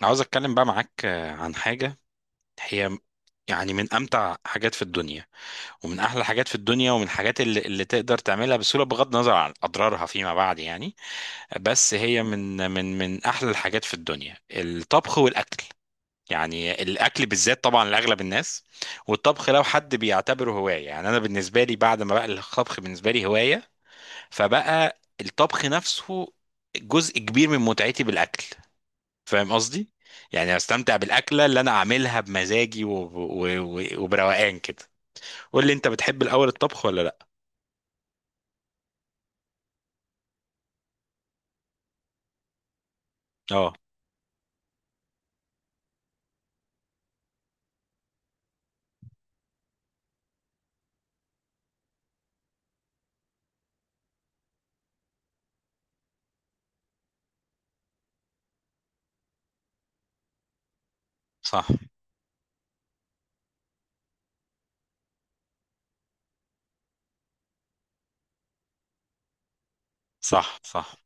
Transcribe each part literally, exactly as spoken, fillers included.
أنا عاوز اتكلم بقى معاك آه، عن حاجة. هي م- يعني من امتع حاجات في الدنيا، ومن احلى حاجات في الدنيا، ومن الحاجات اللي, اللي تقدر تعملها بسهولة بغض النظر عن اضرارها فيما بعد يعني. بس هي من من من احلى الحاجات في الدنيا، الطبخ والاكل. يعني الاكل بالذات طبعا لاغلب الناس، والطبخ لو حد بيعتبره هواية. يعني انا بالنسبة لي، بعد ما بقى الطبخ بالنسبة لي هواية، فبقى الطبخ نفسه جزء كبير من متعتي بالاكل. فاهم قصدي؟ يعني استمتع بالاكله اللي انا اعملها بمزاجي و... و... و... وبروقان كده. قول لي انت، بتحب الاول الطبخ ولا لا؟ اه. صح. صح. صح.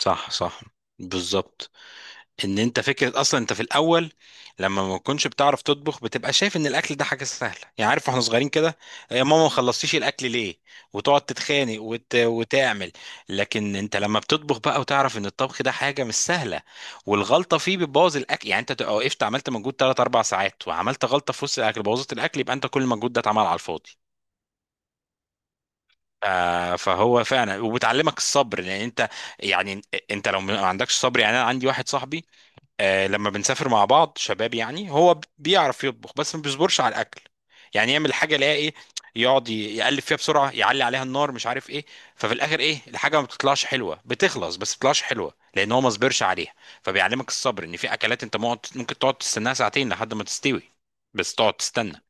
صح. صح. بالظبط، ان انت فكره اصلا انت في الاول لما ما تكونش بتعرف تطبخ بتبقى شايف ان الاكل ده حاجه سهله. يعني عارف واحنا صغيرين كده: يا ماما ما خلصتيش الاكل ليه؟ وتقعد تتخانق وت... وتعمل. لكن انت لما بتطبخ بقى وتعرف ان الطبخ ده حاجه مش سهله والغلطه فيه بتبوظ الاكل، يعني انت تبقى وقفت عملت مجهود ثلاث اربع ساعات وعملت غلطه في وسط الاكل بوظت الاكل، يبقى انت كل المجهود ده اتعمل على الفاضي. آه، فهو فعلا وبتعلمك الصبر، لان انت يعني انت لو ما عندكش صبر. يعني انا عندي واحد صاحبي، آه لما بنسافر مع بعض شباب، يعني هو ب- بيعرف يطبخ بس ما بيصبرش على الاكل. يعني يعمل حاجه الاقي ايه، يقعد ي- يقلب فيها بسرعه، يعلي عليها النار، مش عارف ايه. ففي الاخر ايه، الحاجه ما بتطلعش حلوه، بتخلص بس ما بتطلعش حلوه، لان هو ما صبرش عليها. فبيعلمك الصبر ان في اكلات انت مقعد- ممكن تقعد تستناها ساعتين لحد ما تستوي، بس تقعد تستنى.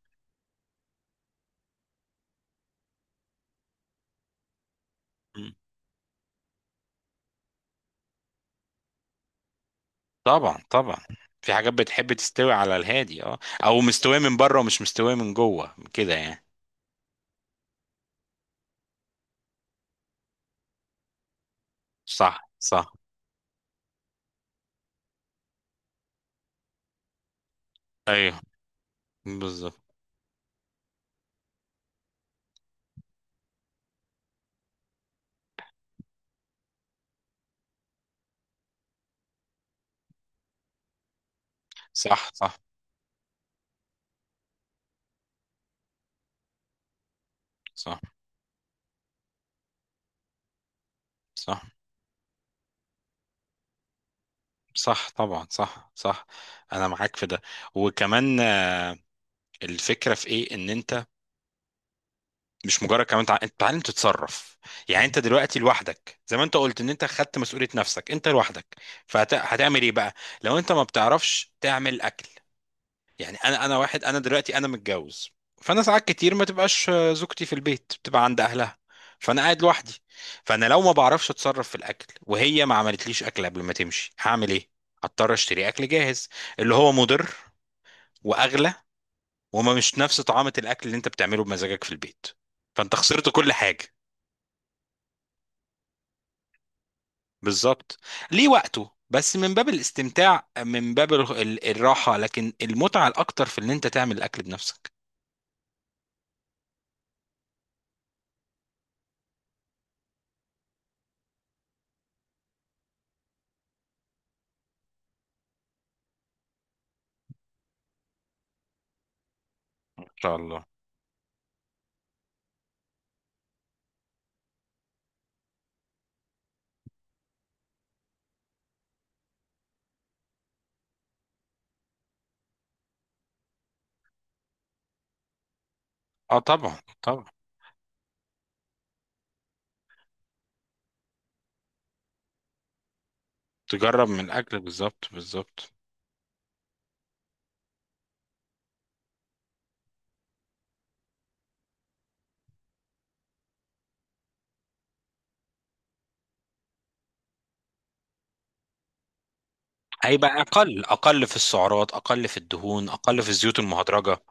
مم. طبعا طبعا، في حاجات بتحب تستوي على الهادي، اه، او مستويه من بره ومش مستويه من جوه كده يعني. صح صح. ايوه بالظبط. صح صح. صح. صح صح طبعا. صح صح. انا معاك في ده. وكمان آه، الفكره في ايه، ان انت مش مجرد كمان تع- انت تتعلم تتصرف. يعني انت دلوقتي لوحدك، زي ما انت قلت ان انت خدت مسؤوليه نفسك انت لوحدك، فهتعمل ايه بقى لو انت ما بتعرفش تعمل اكل؟ يعني انا، انا واحد انا دلوقتي انا متجوز، فانا ساعات كتير ما تبقاش زوجتي في البيت، بتبقى عند اهلها فانا قاعد لوحدي. فانا لو ما بعرفش اتصرف في الاكل وهي ما عملتليش اكل قبل ما تمشي، هعمل ايه؟ هضطر اشتري اكل جاهز، اللي هو مضر واغلى وما مش نفس طعامة الاكل اللي انت بتعمله بمزاجك في البيت. فانت خسرت كل حاجة. بالظبط. ليه وقته بس من باب الاستمتاع، من باب ال- ال- الراحة، لكن المتعة الاكتر في ان انت تعمل الاكل بنفسك. ان شاء الله. اه طبعا طبعا. تجرب من الاكل بالظبط بالظبط. هيبقى اقل، اقل في السعرات، اقل في الدهون، اقل في الزيوت المهدرجه.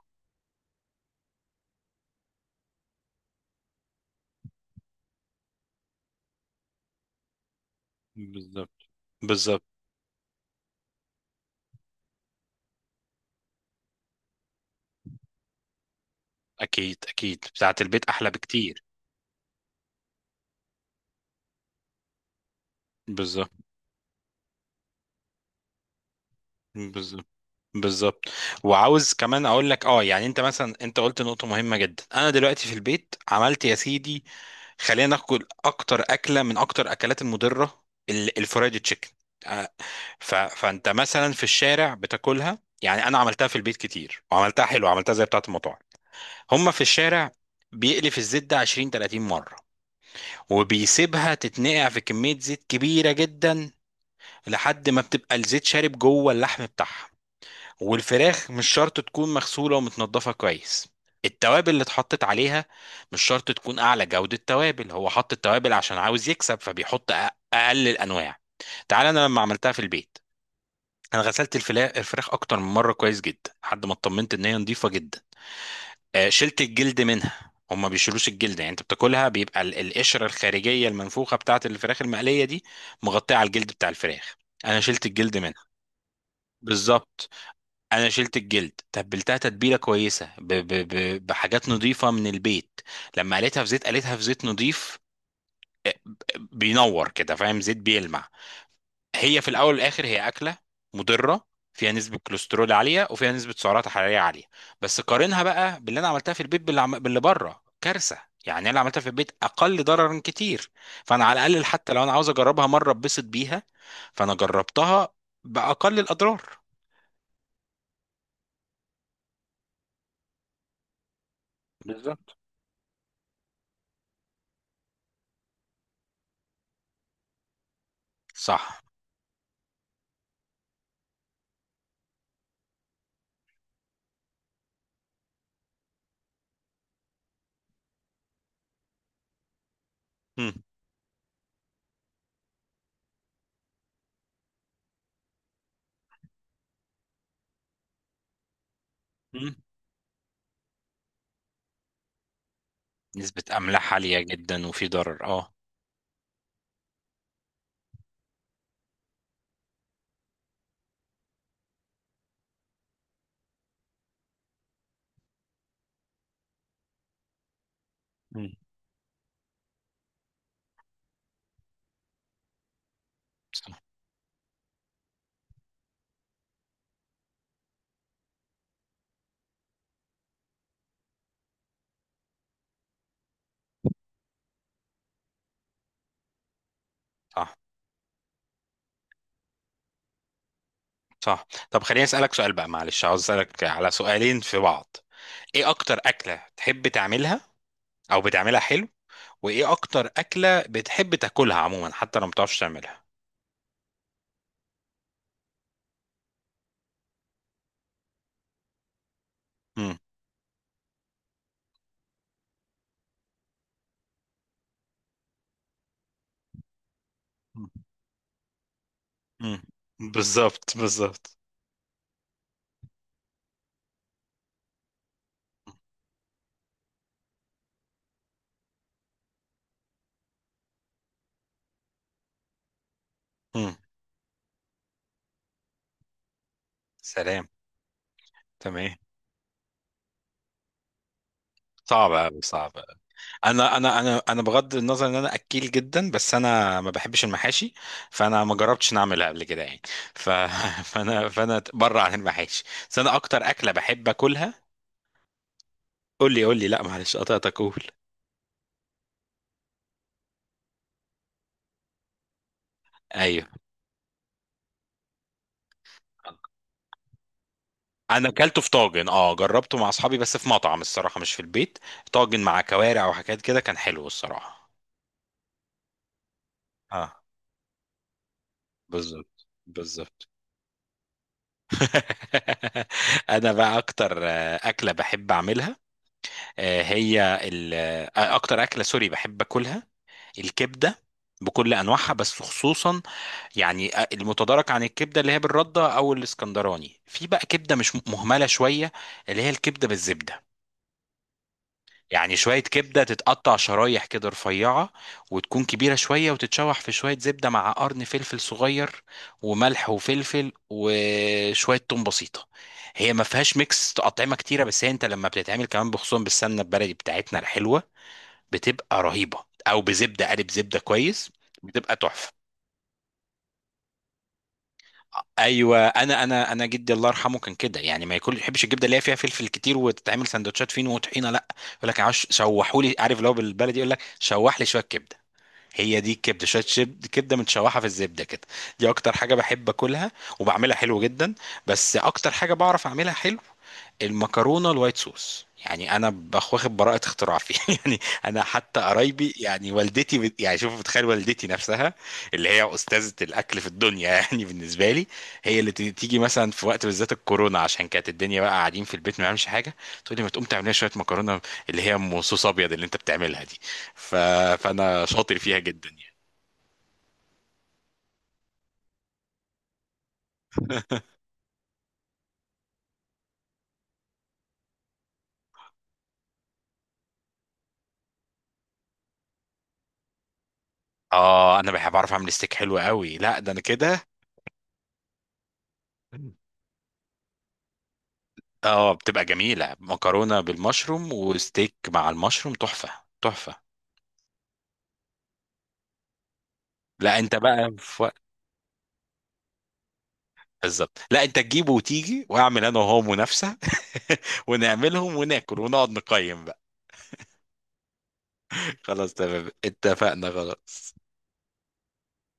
بالظبط بالظبط. اكيد اكيد، بتاعه البيت احلى بكتير. بالظبط. بالظبط. بالظبط. وعاوز كمان اقول لك، اه يعني انت مثلا انت قلت نقطة مهمة جدا. انا دلوقتي في البيت عملت يا سيدي، خلينا ناكل اكتر اكلة من اكتر اكلات المضرة، ال- الفرايد تشيكن. آه، ف... فانت مثلا في الشارع بتاكلها، يعني انا عملتها في البيت كتير، وعملتها حلو، عملتها زي بتاعه المطاعم. هم في الشارع بيقلف الزيت ده عشرين تلاتين مره، وبيسيبها تتنقع في كميه زيت كبيره جدا لحد ما بتبقى الزيت شارب جوه اللحم بتاعها. والفراخ مش شرط تكون مغسوله ومتنضفه كويس. التوابل اللي اتحطت عليها مش شرط تكون اعلى جوده توابل، هو حط التوابل عشان عاوز يكسب فبيحط أ- اقل الانواع. تعال انا لما عملتها في البيت، انا غسلت الفلا- الفراخ اكتر من مره كويس جدا لحد ما اطمنت ان هي نظيفه جدا. آه، شلت الجلد منها. هما ما بيشيلوش الجلد، يعني انت بتاكلها بيبقى ال- القشره الخارجيه المنفوخه بتاعه الفراخ المقليه دي مغطيه على الجلد بتاع الفراخ. انا شلت الجلد منها. بالظبط. انا شلت الجلد، تبلتها تتبيله كويسه ب ب ب بحاجات نظيفه من البيت. لما قليتها في زيت، قليتها في زيت نظيف. آه، ب- بينور كده، فاهم، زيت بيلمع. هي في الاول والاخر هي اكله مضره، فيها نسبه كوليسترول عاليه وفيها نسبه سعرات حراريه عاليه، بس قارنها بقى باللي انا عملتها في البيت باللي, عم... باللي بره كارثه. يعني انا اللي عملتها في البيت اقل ضررا كتير، فانا على الاقل حتى لو انا عاوز اجربها مره اتبسط بيها، فانا جربتها باقل الاضرار. بالظبط. صح. مم. مم. نسبه املاح عاليه جدا وفي ضرر اه. مم. صح. صح. صح. طب خليني اسالك سؤال بقى، معلش عاوز اسالك على سؤالين في بعض: ايه اكتر اكلة تحب تعملها او بتعملها حلو، وايه اكتر اكلة بتحب تاكلها عموما حتى لو ما بتعرفش تعملها؟ امم. امم. بالظبط بالظبط. امم. سلام. تمام. صعبة أوي، صعبة أوي. أنا أنا أنا أنا بغض النظر إن أنا أكيل جدا، بس أنا ما بحبش المحاشي، فأنا ما جربتش إن أعملها قبل كده يعني. ف... فأنا فأنا بره عن المحاشي. بس أنا أكتر أكلة بحب أكلها، قول لي قول لي، لا معلش قطعتك، قول. أيوه انا اكلته في طاجن، اه جربته مع اصحابي بس في مطعم الصراحه، مش في البيت. طاجن مع كوارع وحاجات كده، كان حلو الصراحه. اه. بالظبط بالظبط. انا بقى اكتر آه، اكله بحب اعملها، آه، هي ال- آه، اكتر اكله سوري بحب اكلها، الكبده، بكل انواعها، بس خصوصا يعني آه، المتدارك عن الكبده اللي هي بالرده او الاسكندراني، في بقى كبده مش مهمله شويه، اللي هي الكبده بالزبده. يعني شوية كبدة تتقطع شرايح كده رفيعة، وتكون كبيرة شوية، وتتشوح في شوية زبدة مع قرن فلفل صغير وملح وفلفل وشوية توم بسيطة. هي ما فيهاش ميكس أطعمة كتيرة، بس هي أنت لما بتتعمل كمان بخصوصا بالسمنة البلدي بتاعتنا الحلوة بتبقى رهيبة، أو بزبدة قالب زبدة كويس، بتبقى تحفة. ايوه انا انا انا جدي الله يرحمه كان كده، يعني ما ياكل يحبش الجبنه اللي هي فيها فلفل كتير وتتعمل سندوتشات فين وطحينه، لا، يقول لك عاوز شوحوا لي، عارف لو بالبلدي يقول لك شوح لي شويه كبده. هي دي الكبده، شويه شب- كبده متشوحه في الزبده كده. دي اكتر حاجه بحب اكلها وبعملها حلو جدا. بس اكتر حاجه بعرف اعملها حلو، المكرونه الوايت صوص. يعني انا بخ- واخد براءه اختراع فيه يعني. انا حتى قرايبي يعني والدتي بت... يعني شوف، بتخيل والدتي نفسها اللي هي استاذه الاكل في الدنيا يعني بالنسبه لي، هي اللي ت- تيجي مثلا في وقت بالذات الكورونا عشان كانت الدنيا بقى قاعدين في البيت ما بنعملش حاجه، تقول لي ما تقوم تعمل لنا شويه مكرونه اللي هي ام صوص ابيض اللي انت بتعملها دي. ف... فانا شاطر فيها جدا يعني. اه انا بحب اعرف اعمل ستيك حلو قوي، لا ده انا كده. اه بتبقى جميلة مكرونة بالمشروم وستيك مع المشروم تحفة. تحفة. لا انت بقى في وقت. بالظبط، لا انت تجيبه وتيجي واعمل انا وهو منافسة ونعملهم وناكل ونقعد نقيم بقى. خلاص تمام اتفقنا، خلاص.